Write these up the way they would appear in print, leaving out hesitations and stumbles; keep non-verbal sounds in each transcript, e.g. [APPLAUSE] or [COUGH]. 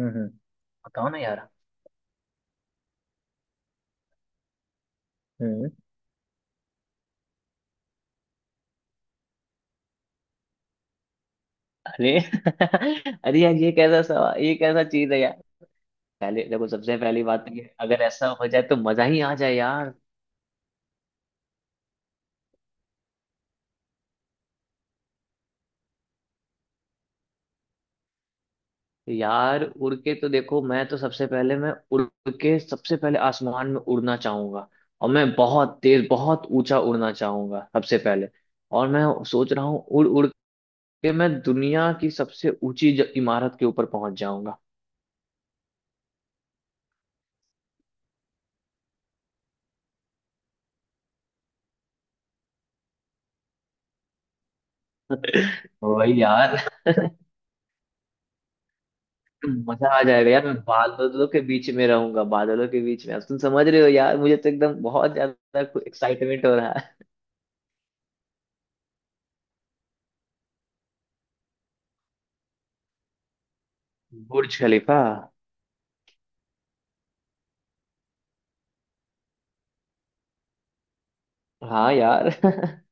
हम्म। बताओ ना यार। हम्म। अरे [LAUGHS] अरे यार, ये कैसा सवा ये कैसा चीज है यार। पहले देखो, सबसे पहली बात तो ये, अगर ऐसा हो जाए तो मजा ही आ जाए यार। यार उड़ के तो देखो, मैं तो सबसे पहले मैं उड़ के सबसे पहले आसमान में उड़ना चाहूंगा। और मैं बहुत तेज, बहुत ऊंचा उड़ना चाहूंगा सबसे पहले। और मैं सोच रहा हूँ उड़ उड़ के मैं दुनिया की सबसे ऊंची इमारत के ऊपर पहुंच जाऊंगा। वही यार [LAUGHS] मजा आ जाएगा यार, मैं बादलों के बीच में रहूंगा, बादलों के बीच में। अब तुम समझ रहे हो यार, मुझे तो एकदम बहुत ज्यादा एक्साइटमेंट हो रहा है। बुर्ज खलीफा। हाँ यार [LAUGHS]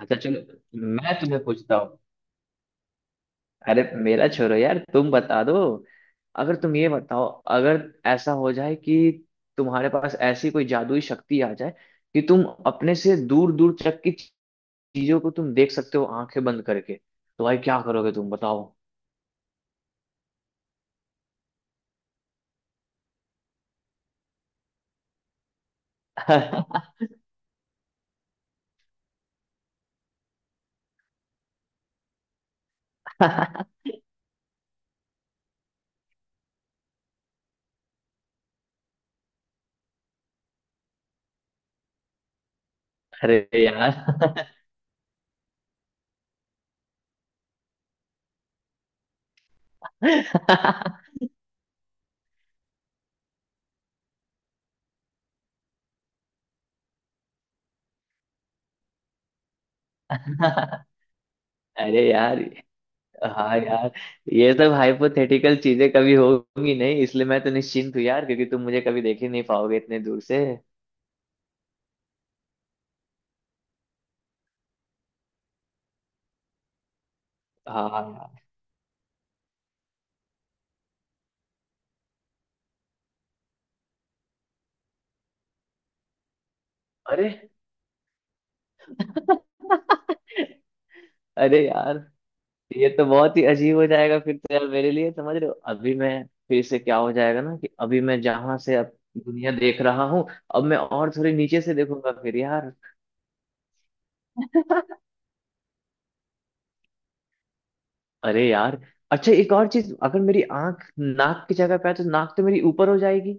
अच्छा चलो, मैं तुम्हें पूछता हूँ। अरे मेरा छोड़ो यार, तुम बता दो। अगर तुम ये बताओ, अगर ऐसा हो जाए कि तुम्हारे पास ऐसी कोई जादुई शक्ति आ जाए कि तुम अपने से दूर दूर तक की चीजों को तुम देख सकते हो आंखें बंद करके, तो भाई क्या करोगे तुम बताओ। [LAUGHS] अरे यार [LAUGHS] अरे यार, हाँ यार, ये सब हाइपोथेटिकल चीजें कभी होगी नहीं, इसलिए मैं तो निश्चिंत हूँ यार, क्योंकि तुम मुझे कभी देख ही नहीं पाओगे इतने दूर से। हाँ यार। अरे [LAUGHS] अरे यार, ये तो बहुत ही अजीब हो जाएगा फिर तो यार मेरे लिए, समझ रहे हो, अभी मैं फिर से क्या हो जाएगा ना, कि अभी मैं जहां से अब दुनिया देख रहा हूँ, अब मैं और थोड़ी नीचे से देखूंगा फिर यार। [LAUGHS] अरे यार। अच्छा एक और चीज, अगर मेरी आंख नाक की जगह पे है तो नाक तो मेरी ऊपर हो जाएगी।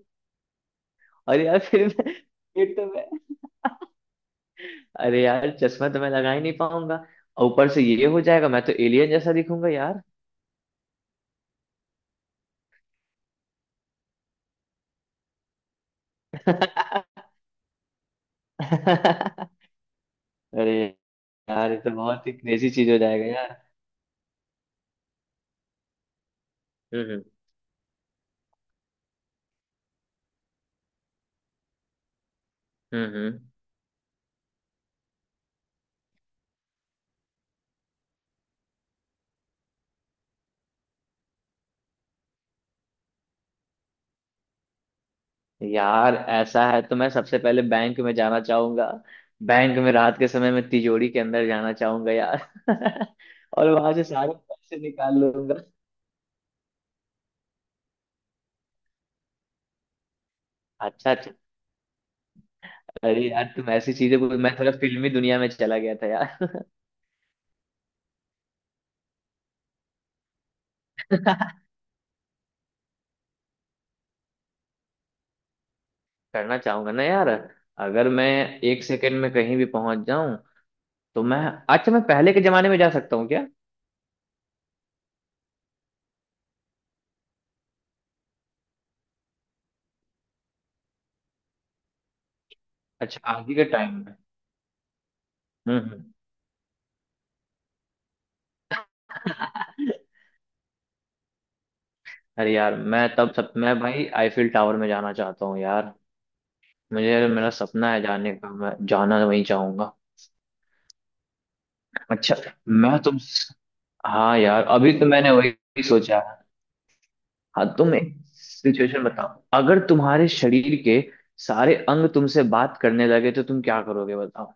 अरे यार फिर मैं फिर तो मैं अरे यार, चश्मा तो मैं लगा ही नहीं पाऊंगा। और ऊपर से ये हो जाएगा, मैं तो एलियन जैसा दिखूंगा यार। [LAUGHS] अरे यार, ये तो बहुत ही क्रेजी चीज हो जाएगा यार। हम्म। हम्म। हम्म। यार ऐसा है तो मैं सबसे पहले बैंक में जाना चाहूंगा। बैंक में रात के समय में तिजोरी के अंदर जाना चाहूंगा यार [LAUGHS] और वहां से सारे पैसे निकाल लूंगा। अच्छा, अच्छा। अरे यार तुम ऐसी चीजें बोल, मैं थोड़ा फिल्मी दुनिया में चला गया था यार। [LAUGHS] करना चाहूंगा ना यार। अगर मैं एक सेकंड में कहीं भी पहुंच जाऊं तो मैं, अच्छा मैं पहले के जमाने में जा सकता हूँ क्या? अच्छा, आज ही के टाइम में। हम्म। हम्म। [LAUGHS] अरे यार, मैं तब सब मैं भाई आईफिल टावर में जाना चाहता हूँ यार। मुझे मेरा सपना है जाने का, मैं जाना वहीं चाहूंगा। अच्छा मैं तुम, हाँ यार अभी तो मैंने वही सोचा। हाँ, तुम एक सिचुएशन बताओ। अगर तुम्हारे शरीर के सारे अंग तुमसे बात करने लगे तो तुम क्या करोगे बताओ।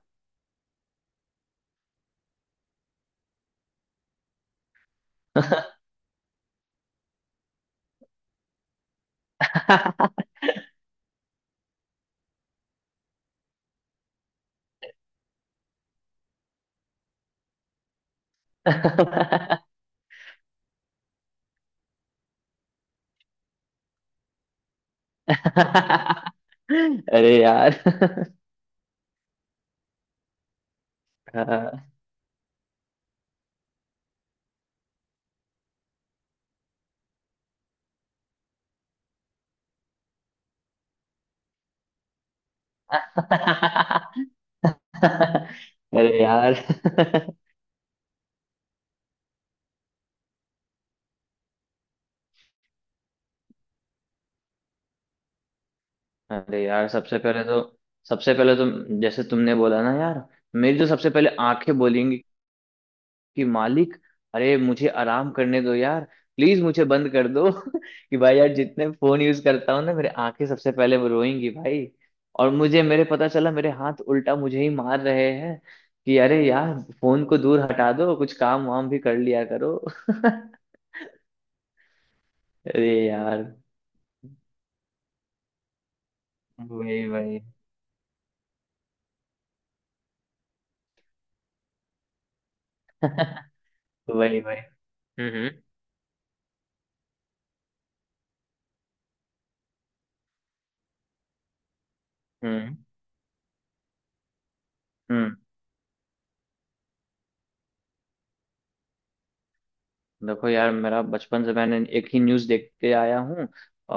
[LAUGHS] अरे यार [LAUGHS] अरे यार [LAUGHS] अरे यार सबसे पहले तो, सबसे पहले तो जैसे तुमने बोला ना यार, मेरी तो सबसे पहले आंखें बोलेंगी कि मालिक, अरे मुझे आराम करने दो यार, प्लीज मुझे बंद कर दो [LAUGHS] कि भाई यार, जितने फोन यूज करता हूँ ना, मेरे आंखें सबसे पहले वो रोएंगी भाई। और मुझे मेरे पता चला मेरे हाथ उल्टा मुझे ही मार रहे हैं कि अरे यार, फोन को दूर हटा दो, कुछ काम वाम भी कर लिया करो। [LAUGHS] अरे यार, वही वही। [LAUGHS] वही वही। हम्म। हम्म। हम्म। देखो यार, मेरा बचपन से मैंने एक ही न्यूज़ देखते आया हूँ,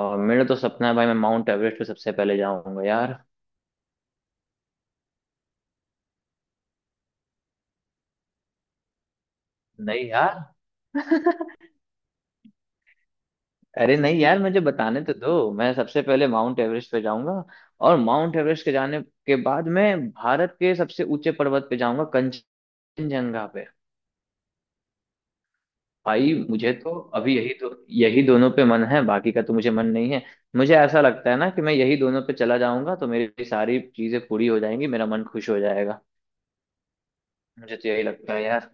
और मेरा तो सपना है भाई, मैं माउंट एवरेस्ट पे सबसे पहले जाऊंगा यार। नहीं यार [LAUGHS] अरे नहीं यार, मुझे बताने तो दो, मैं सबसे पहले माउंट एवरेस्ट पे जाऊंगा, और माउंट एवरेस्ट के जाने के बाद मैं भारत के सबसे ऊंचे पर्वत पे जाऊंगा, कंचनजंगा पे। भाई मुझे तो अभी यही दो, यही दोनों पे मन है, बाकी का तो मुझे मन नहीं है। मुझे ऐसा लगता है ना कि मैं यही दोनों पे चला जाऊंगा तो मेरी सारी चीजें पूरी हो जाएंगी, मेरा मन खुश हो जाएगा। मुझे तो यही लगता है यार।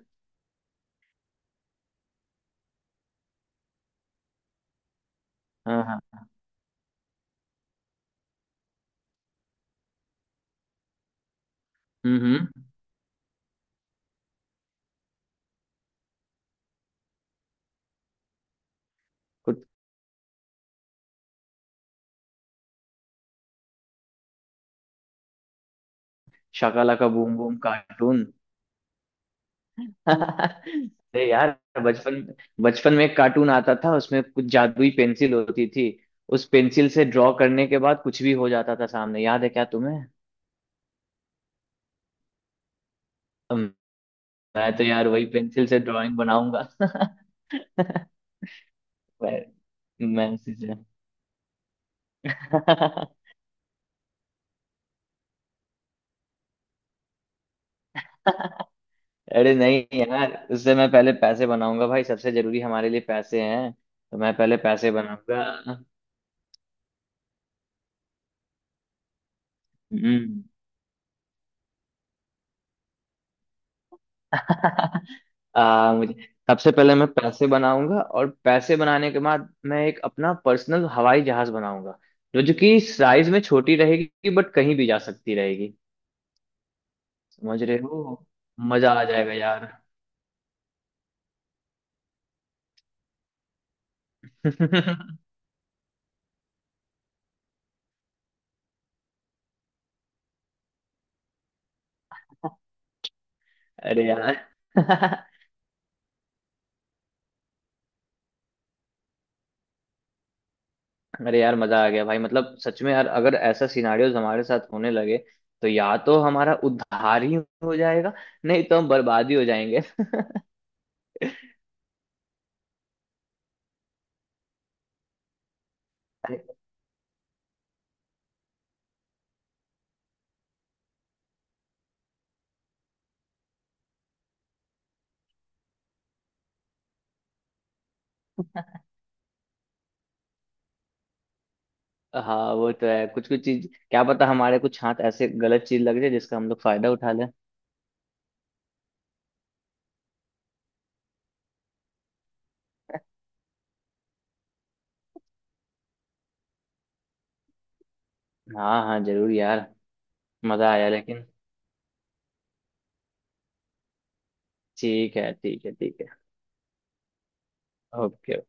हाँ हाँ। हम्म। हम्म। कुछ, शाकाला का बूम बूम कार्टून। [LAUGHS] अरे यार, बचपन बचपन में एक कार्टून आता था, उसमें कुछ जादुई पेंसिल होती थी। उस पेंसिल से ड्रॉ करने के बाद कुछ भी हो जाता था सामने, याद है क्या तुम्हें? अम, मैं तो यार वही पेंसिल से ड्राइंग बनाऊंगा [LAUGHS] मैं मैं उसी से [LAUGHS] अरे नहीं यार, उससे मैं पहले पैसे बनाऊंगा भाई, सबसे जरूरी हमारे लिए पैसे हैं, तो मैं पहले पैसे बनाऊंगा। हम्म। [LAUGHS] मुझे सबसे पहले मैं पैसे बनाऊंगा, और पैसे बनाने के बाद मैं एक अपना पर्सनल हवाई जहाज बनाऊंगा जो जो कि साइज में छोटी रहेगी, बट कहीं भी जा सकती रहेगी। समझ रहे हो, मजा आ जाएगा यार। [LAUGHS] अरे यार [LAUGHS] अरे यार मजा आ गया भाई, मतलब सच में यार, अगर ऐसा सिनारियोज हमारे साथ होने लगे तो या तो हमारा उद्धार ही हो जाएगा, नहीं तो हम बर्बाद ही हो जाएंगे। [LAUGHS] हाँ वो तो है, कुछ कुछ चीज क्या पता हमारे कुछ हाथ ऐसे गलत चीज लग जाए जिसका हम लोग फायदा उठा लें। हाँ हाँ जरूर यार, मजा आया लेकिन। ठीक है, ठीक है, ठीक है। ओके।